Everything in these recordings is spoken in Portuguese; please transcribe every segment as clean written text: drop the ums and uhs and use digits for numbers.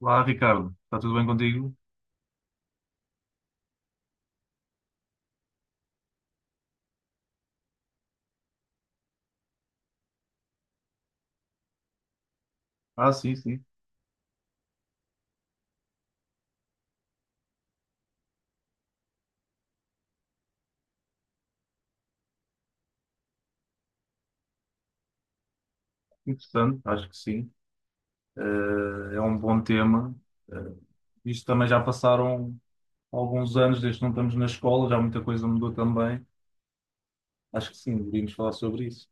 Olá, Ricardo. Está tudo bem contigo? Ah, sim, sim. Interessante, acho que sim. Eh, É um bom tema. Eh, Isto também já passaram alguns anos desde que não estamos na escola, já muita coisa mudou também. Acho que sim, deveríamos falar sobre isso.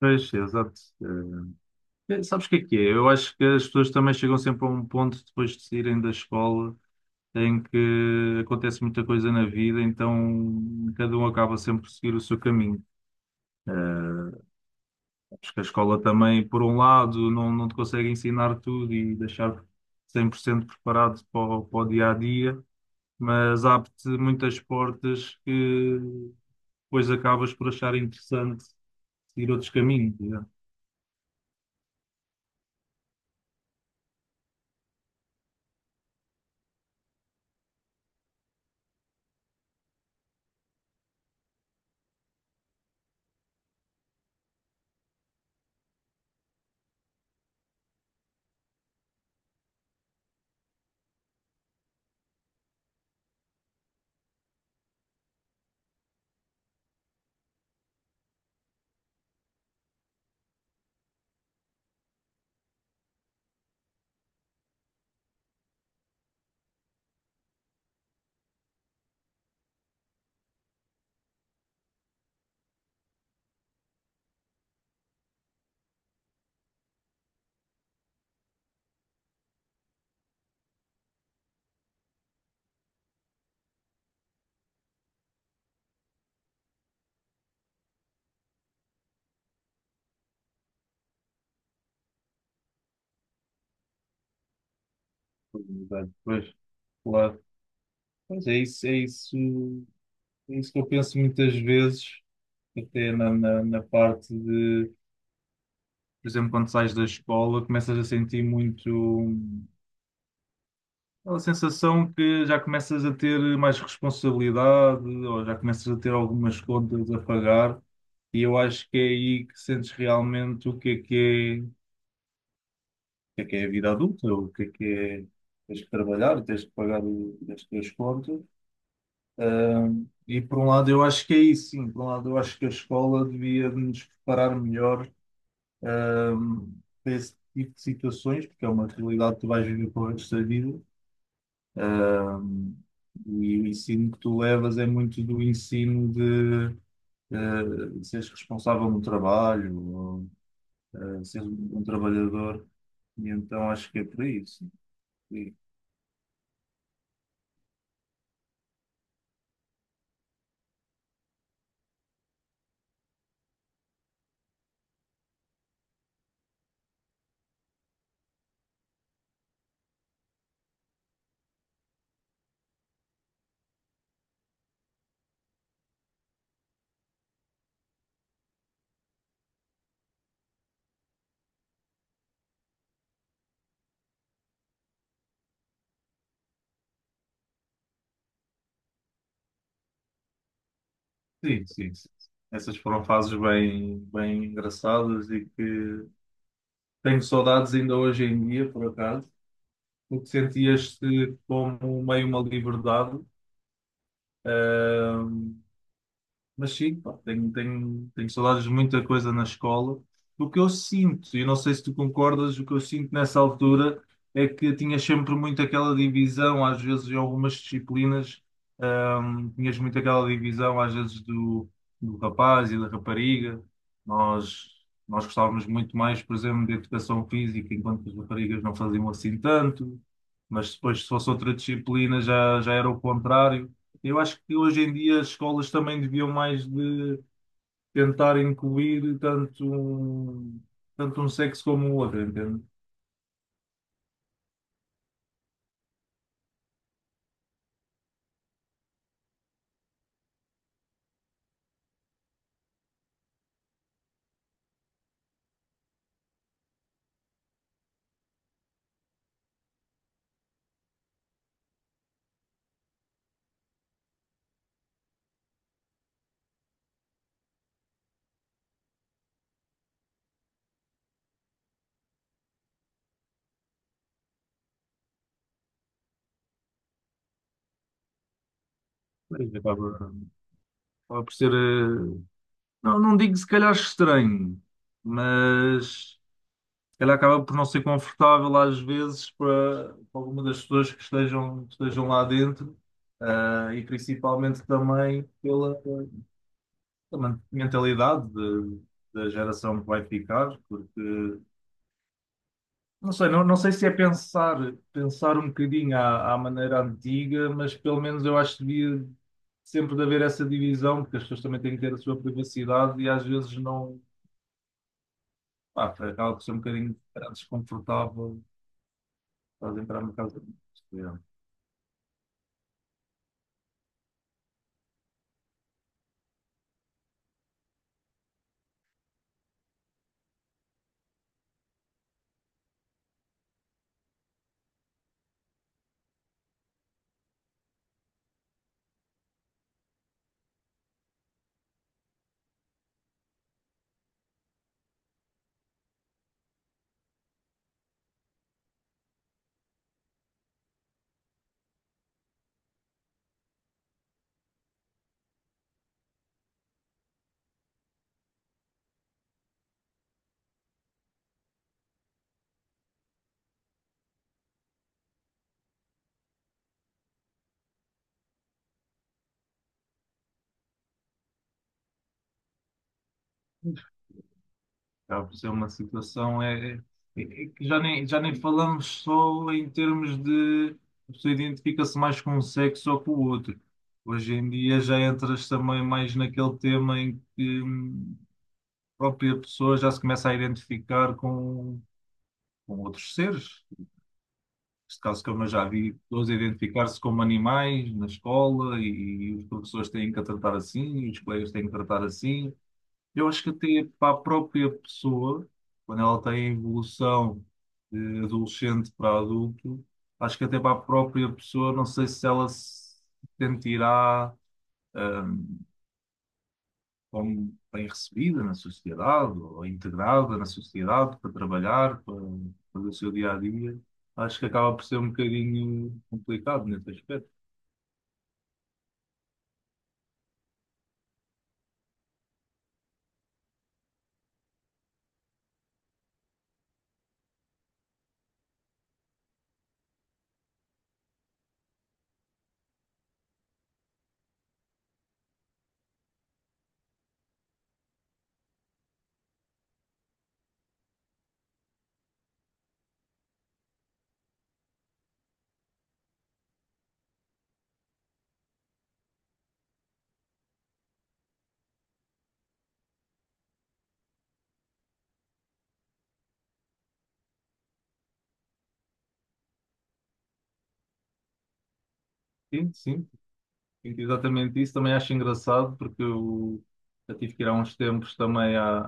Pois, exato. Sabes o que é que é? Eu acho que as pessoas também chegam sempre a um ponto depois de saírem da escola em que acontece muita coisa na vida, então cada um acaba sempre por seguir o seu caminho. Eh, Acho que a escola também, por um lado, não te consegue ensinar tudo e deixar 100% preparado para para o dia a dia, mas abre-te muitas portas que depois acabas por achar interessante seguir outros caminhos, né? Pois, claro. Pois é isso, é isso que eu penso muitas vezes, até na parte de, por exemplo, quando sais da escola, começas a sentir muito. Aquela sensação que já começas a ter mais responsabilidade ou já começas a ter algumas contas a pagar, e eu acho que é aí que sentes realmente o que é, o que é a vida adulta, o que é que é. Tens que trabalhar, tens que pagar as tuas contas. E por um lado, eu acho que é isso, sim. Por um lado, eu acho que a escola devia nos preparar melhor para esse tipo de situações, porque é uma realidade que tu vais viver para o resto da vida. E o ensino que tu levas é muito do ensino de seres responsável no trabalho, ou, seres um trabalhador. E então acho que é por isso. Sim, sim, sim, sim. Essas foram fases bem engraçadas e que tenho saudades ainda hoje em dia, por acaso, porque sentias-te como meio uma liberdade. Mas sim, pá, tenho saudades de muita coisa na escola. O que eu sinto, e não sei se tu concordas, o que eu sinto nessa altura é que tinha sempre muito aquela divisão, às vezes em algumas disciplinas. Tinhas muito aquela divisão, às vezes, do rapaz e da rapariga. Nós, nós gostávamos muito mais, por exemplo, de educação física, enquanto que as raparigas não faziam assim tanto. Mas depois, se fosse outra disciplina, já era o contrário. Eu acho que hoje em dia as escolas também deviam mais de tentar incluir tanto um sexo como o outro, entende? Mas acaba por ser, não, não digo se calhar estranho, mas ele acaba por não ser confortável às vezes para, para alguma das pessoas que que estejam lá dentro, ah, e principalmente também pela, pela mentalidade da geração que vai ficar, porque não sei, não sei se é pensar um bocadinho à, à maneira antiga, mas pelo menos eu acho que devia sempre de haver essa divisão, porque as pessoas também têm que ter a sua privacidade e às vezes não, pá, acaba por ser um bocadinho desconfortável, estás a entrar no caso. Acaba por ser uma situação é, é que já nem falamos só em termos de a pessoa identifica-se mais com um sexo ou com o outro. Hoje em dia já entras também mais naquele tema em que a própria pessoa já se começa a identificar com outros seres. Neste caso, como eu já vi, pessoas a identificar-se como animais na escola, e os professores têm que a tratar assim, e os colegas têm que tratar assim. Eu acho que até para a própria pessoa, quando ela tem a evolução de adolescente para adulto, acho que até para a própria pessoa, não sei se ela se sentirá eh, como bem recebida na sociedade ou integrada na sociedade para trabalhar, para fazer o seu dia a dia. Acho que acaba por ser um bocadinho complicado nesse aspecto. Sim, sim, sinto exatamente isso. Também acho engraçado porque eu já tive que ir há uns tempos também à,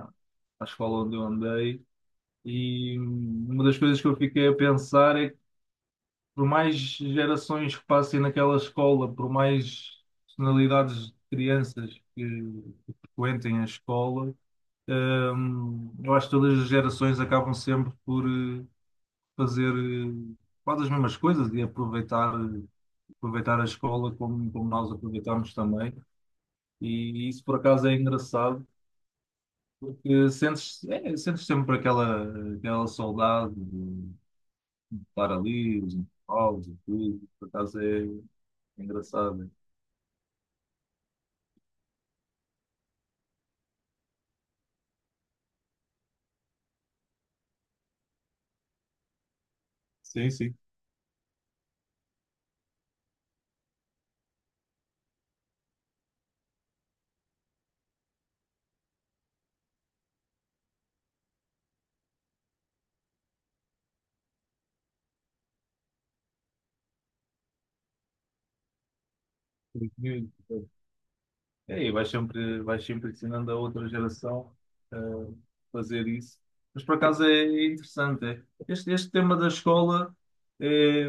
à escola onde eu andei. E uma das coisas que eu fiquei a pensar é que, por mais gerações que passem naquela escola, por mais personalidades de crianças que frequentem a escola, eu acho que todas as gerações acabam sempre por fazer quase as mesmas coisas e aproveitar a escola como, como nós aproveitamos também. E isso por acaso é engraçado, porque sentes, é, sentes sempre aquela, aquela saudade, falar ali, os intervalos e tudo. Por acaso é engraçado. Sim, sim. Porque, É, e vais sempre ensinando a outra geração a fazer isso. Mas por acaso é interessante. É. Este tema da escola é,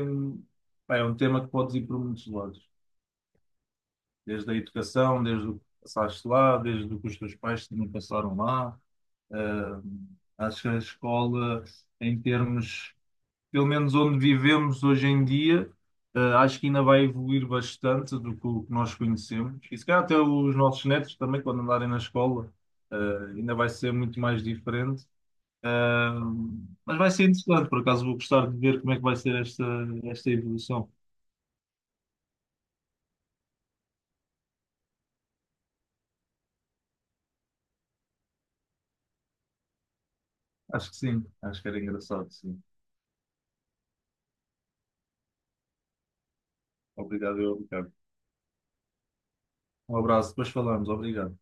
pá, é um tema que podes ir por muitos lados. Desde a educação, desde o que passaste lá, desde o que os teus pais também passaram lá. Ah, acho que a escola, em termos, pelo menos onde vivemos hoje em dia, acho que ainda vai evoluir bastante do que o que nós conhecemos. E se calhar até os nossos netos também, quando andarem na escola, eh, ainda vai ser muito mais diferente. Mas vai ser interessante, por acaso vou gostar de ver como é que vai ser esta evolução. Acho que sim, acho que era engraçado, sim. Obrigado, eu, Ricardo. Um abraço, depois falamos, obrigado.